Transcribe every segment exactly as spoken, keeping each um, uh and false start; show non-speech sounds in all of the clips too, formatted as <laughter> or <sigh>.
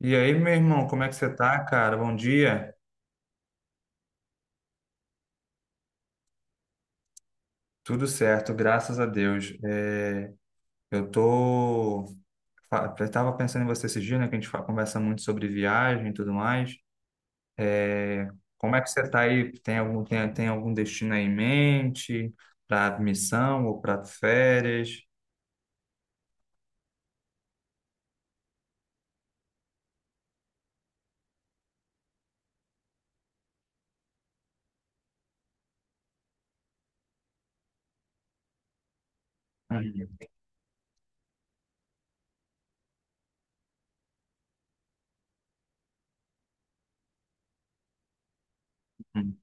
E aí, meu irmão, como é que você tá, cara? Bom dia. Tudo certo, graças a Deus. É, eu tô. fa- Eu tava pensando em você esse dia, né? Que a gente fa- conversa muito sobre viagem e tudo mais. É, como é que você tá aí? Tem algum, tem, tem algum destino aí em mente? Pra missão ou pra férias? Hum, hum.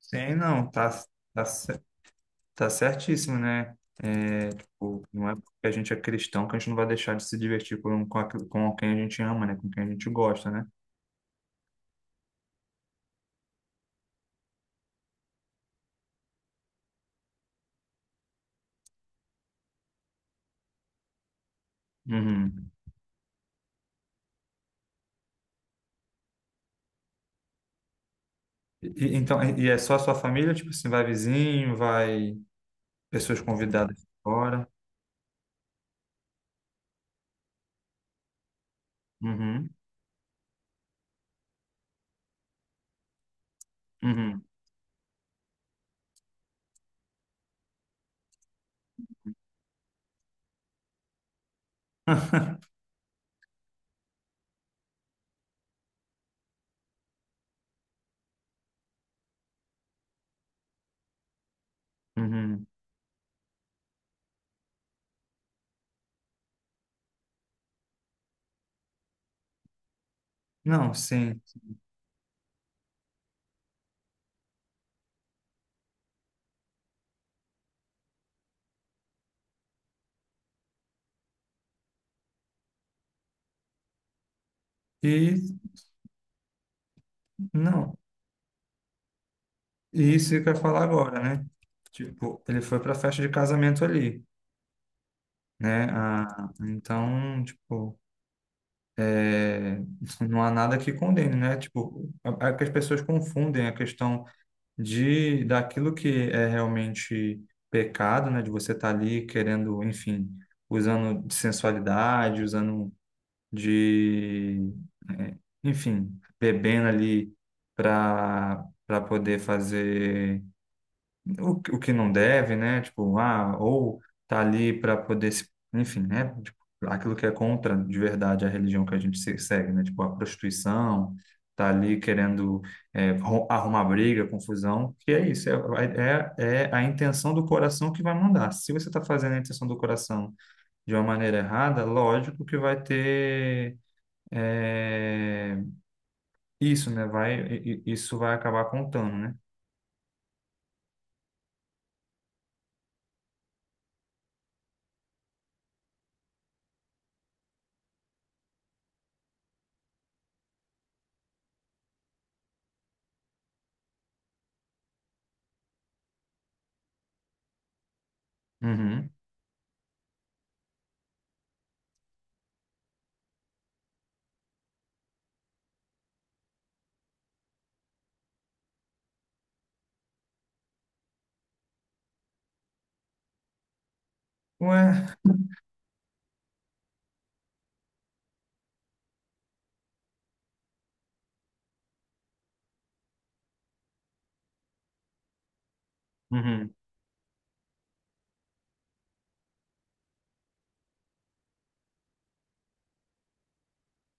Sim, não, tá, tá, Tá certíssimo, né? É, tipo, não é porque a gente é cristão que a gente não vai deixar de se divertir com, com, aqu- com quem a gente ama, né? Com quem a gente gosta, né? Uhum. E, então, e e é só a sua família? Tipo assim, vai vizinho, vai pessoas convidadas de fora? Uhum. Uhum. <laughs> Uhum. Não, sim. E não. E isso que eu ia falar agora, né? Tipo, ele foi para a festa de casamento ali, né? Ah, então, tipo, é, não há nada que condene, né? Tipo, é que as pessoas confundem a questão de daquilo que é realmente pecado, né? De você estar ali querendo, enfim, usando de sensualidade, usando de, é, enfim, bebendo ali para para poder fazer o, que- o que não deve, né? Tipo, ah, ou tá ali para poder se, enfim, né? Tipo, aquilo que é contra de verdade a religião que a gente se- segue, né? Tipo, a prostituição, tá ali querendo é, ro- arrumar briga, confusão, que é isso, é, é, é a intenção do coração que vai mandar. Se você tá fazendo a intenção do coração de uma maneira errada, lógico que vai ter é, isso, né? Vai, i- i- isso vai acabar contando, né? Uhum. Ué, uhum.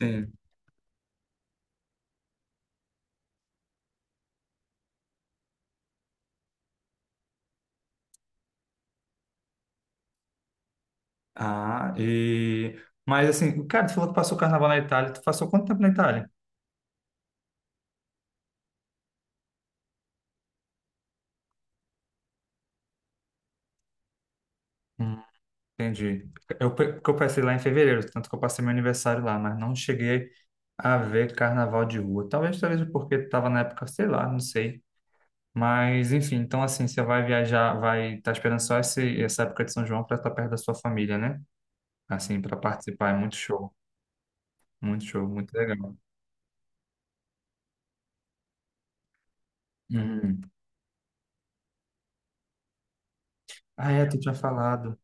Sim. Ah, e... Mas assim, cara, tu falou que passou o carnaval na Itália. Tu passou quanto tempo na Itália? Hum, entendi. Eu, pe- porque eu passei lá em fevereiro, tanto que eu passei meu aniversário lá, mas não cheguei a ver carnaval de rua. Talvez, talvez porque estava na época, sei lá, não sei. Mas, enfim, então assim, você vai viajar, vai estar esperando só esse, essa época de São João para estar perto da sua família, né? Assim, para participar. É muito show, muito show, muito legal. Uhum. Ah, é, tu tinha falado.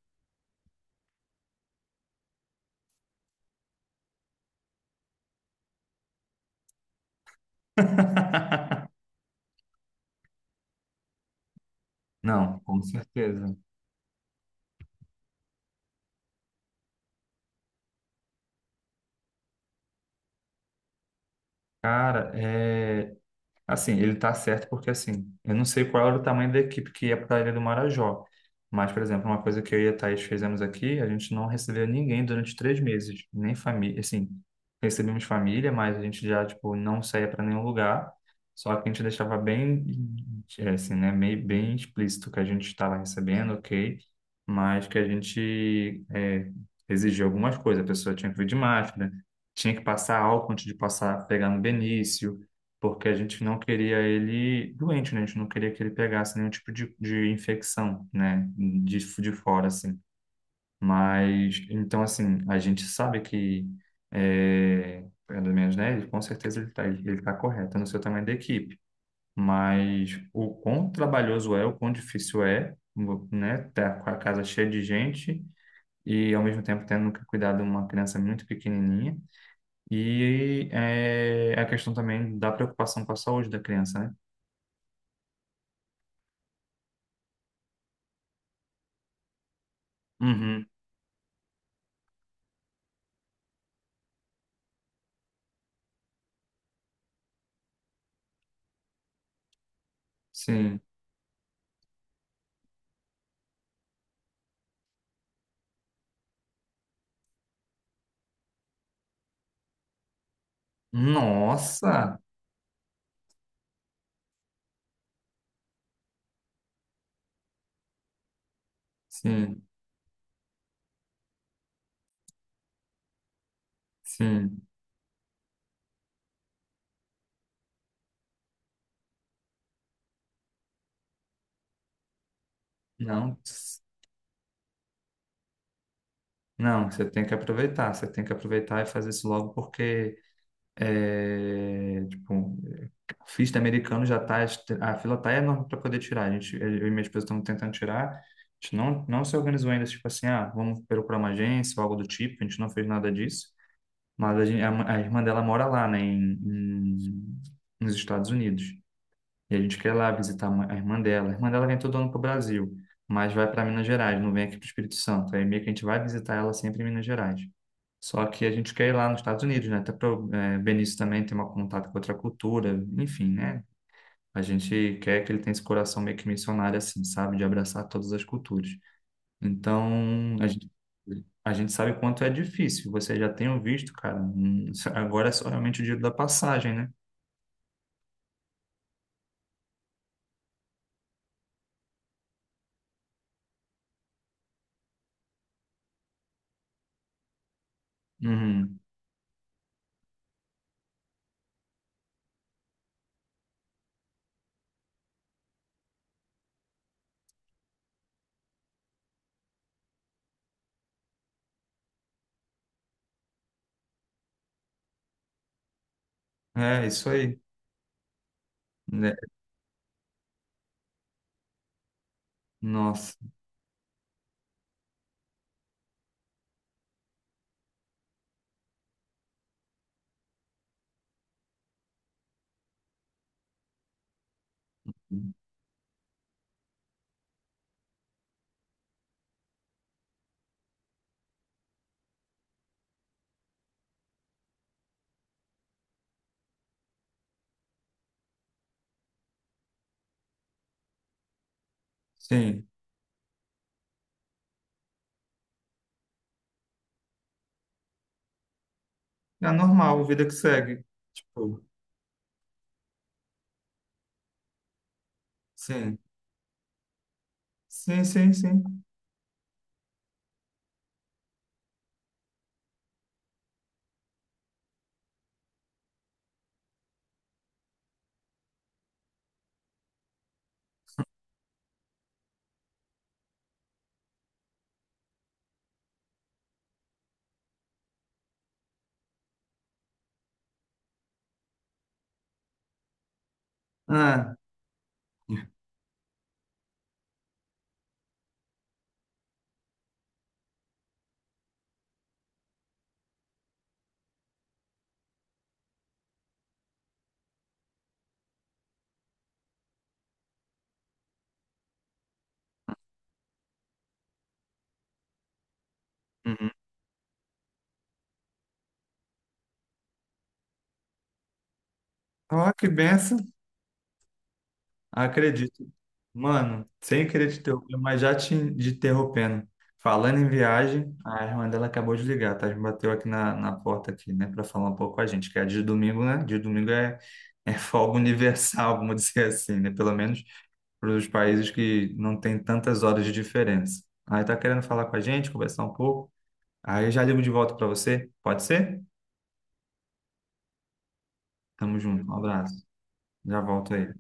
<laughs> Não, com certeza. Cara, é, assim, ele tá certo porque, assim, eu não sei qual era o tamanho da equipe que ia para a Ilha do Marajó. Mas, por exemplo, uma coisa que eu e a Thaís fizemos aqui, a gente não recebeu ninguém durante três meses, nem família, assim, recebemos família, mas a gente já, tipo, não saía para nenhum lugar, só que a gente deixava bem, é, assim, né, meio, bem explícito que a gente estava recebendo, ok, mas que a gente é, exigia algumas coisas, a pessoa tinha que vir de máscara, tinha que passar álcool antes de passar, pegar no Benício, porque a gente não queria ele doente, né? A gente não queria que ele pegasse nenhum tipo de, de infecção, né? De, de fora, assim. Mas, então, assim, a gente sabe que, é, pelo menos, né? Ele, com certeza ele está ele tá correto no seu tamanho da equipe. Mas o quão trabalhoso é, o quão difícil é, né? Tá com a casa cheia de gente e, ao mesmo tempo, tendo que cuidar de uma criança muito pequenininha. E é, a questão também da preocupação com a saúde da criança, né? Uhum, sim. Nossa! Sim, sim. Não, s- não, você tem que aproveitar, você tem que aproveitar e fazer isso logo porque é, tipo, o F I T americano já tá, est- a fila tá enorme para poder tirar. A gente, eu e minha esposa estamos tentando tirar. A gente não, não se organizou ainda, tipo assim, ah, vamos procurar uma agência ou algo do tipo, a gente não fez nada disso. Mas a, gente, a, ma- a irmã dela mora lá, né, em, em- nos Estados Unidos. E a gente quer ir lá visitar a mãe- a irmã dela. A irmã dela vem todo ano para o Brasil, mas vai para Minas Gerais, não vem aqui para o Espírito Santo. Aí meio que a gente vai visitar ela sempre em Minas Gerais. Só que a gente quer ir lá nos Estados Unidos, né? Até para o eh, Benício também ter um contato com outra cultura, enfim, né? A gente quer que ele tenha esse coração meio que missionário, assim, sabe? De abraçar todas as culturas. Então, a gente, a gente sabe o quanto é difícil. Você já tem o visto, cara. Hum, Agora é só realmente o dinheiro da passagem, né? Uhum. É, isso aí. Né? Nossa. Sim. É normal, vida que segue. Tipo, sim. Sim, sim, sim. Ah, uhum. Ó, que benção. Acredito. Mano, sem querer te interromper, mas já te te interrompendo. Falando em viagem, a irmã dela acabou de ligar, tá? Bateu aqui na, na porta aqui, né? Pra falar um pouco com a gente, que é de domingo, né? De domingo é, é folga universal, <laughs> vamos dizer assim, né? Pelo menos para os países que não tem tantas horas de diferença. Aí tá querendo falar com a gente, conversar um pouco. Aí eu já ligo de volta para você. Pode ser? Tamo junto. Um abraço. Já volto aí.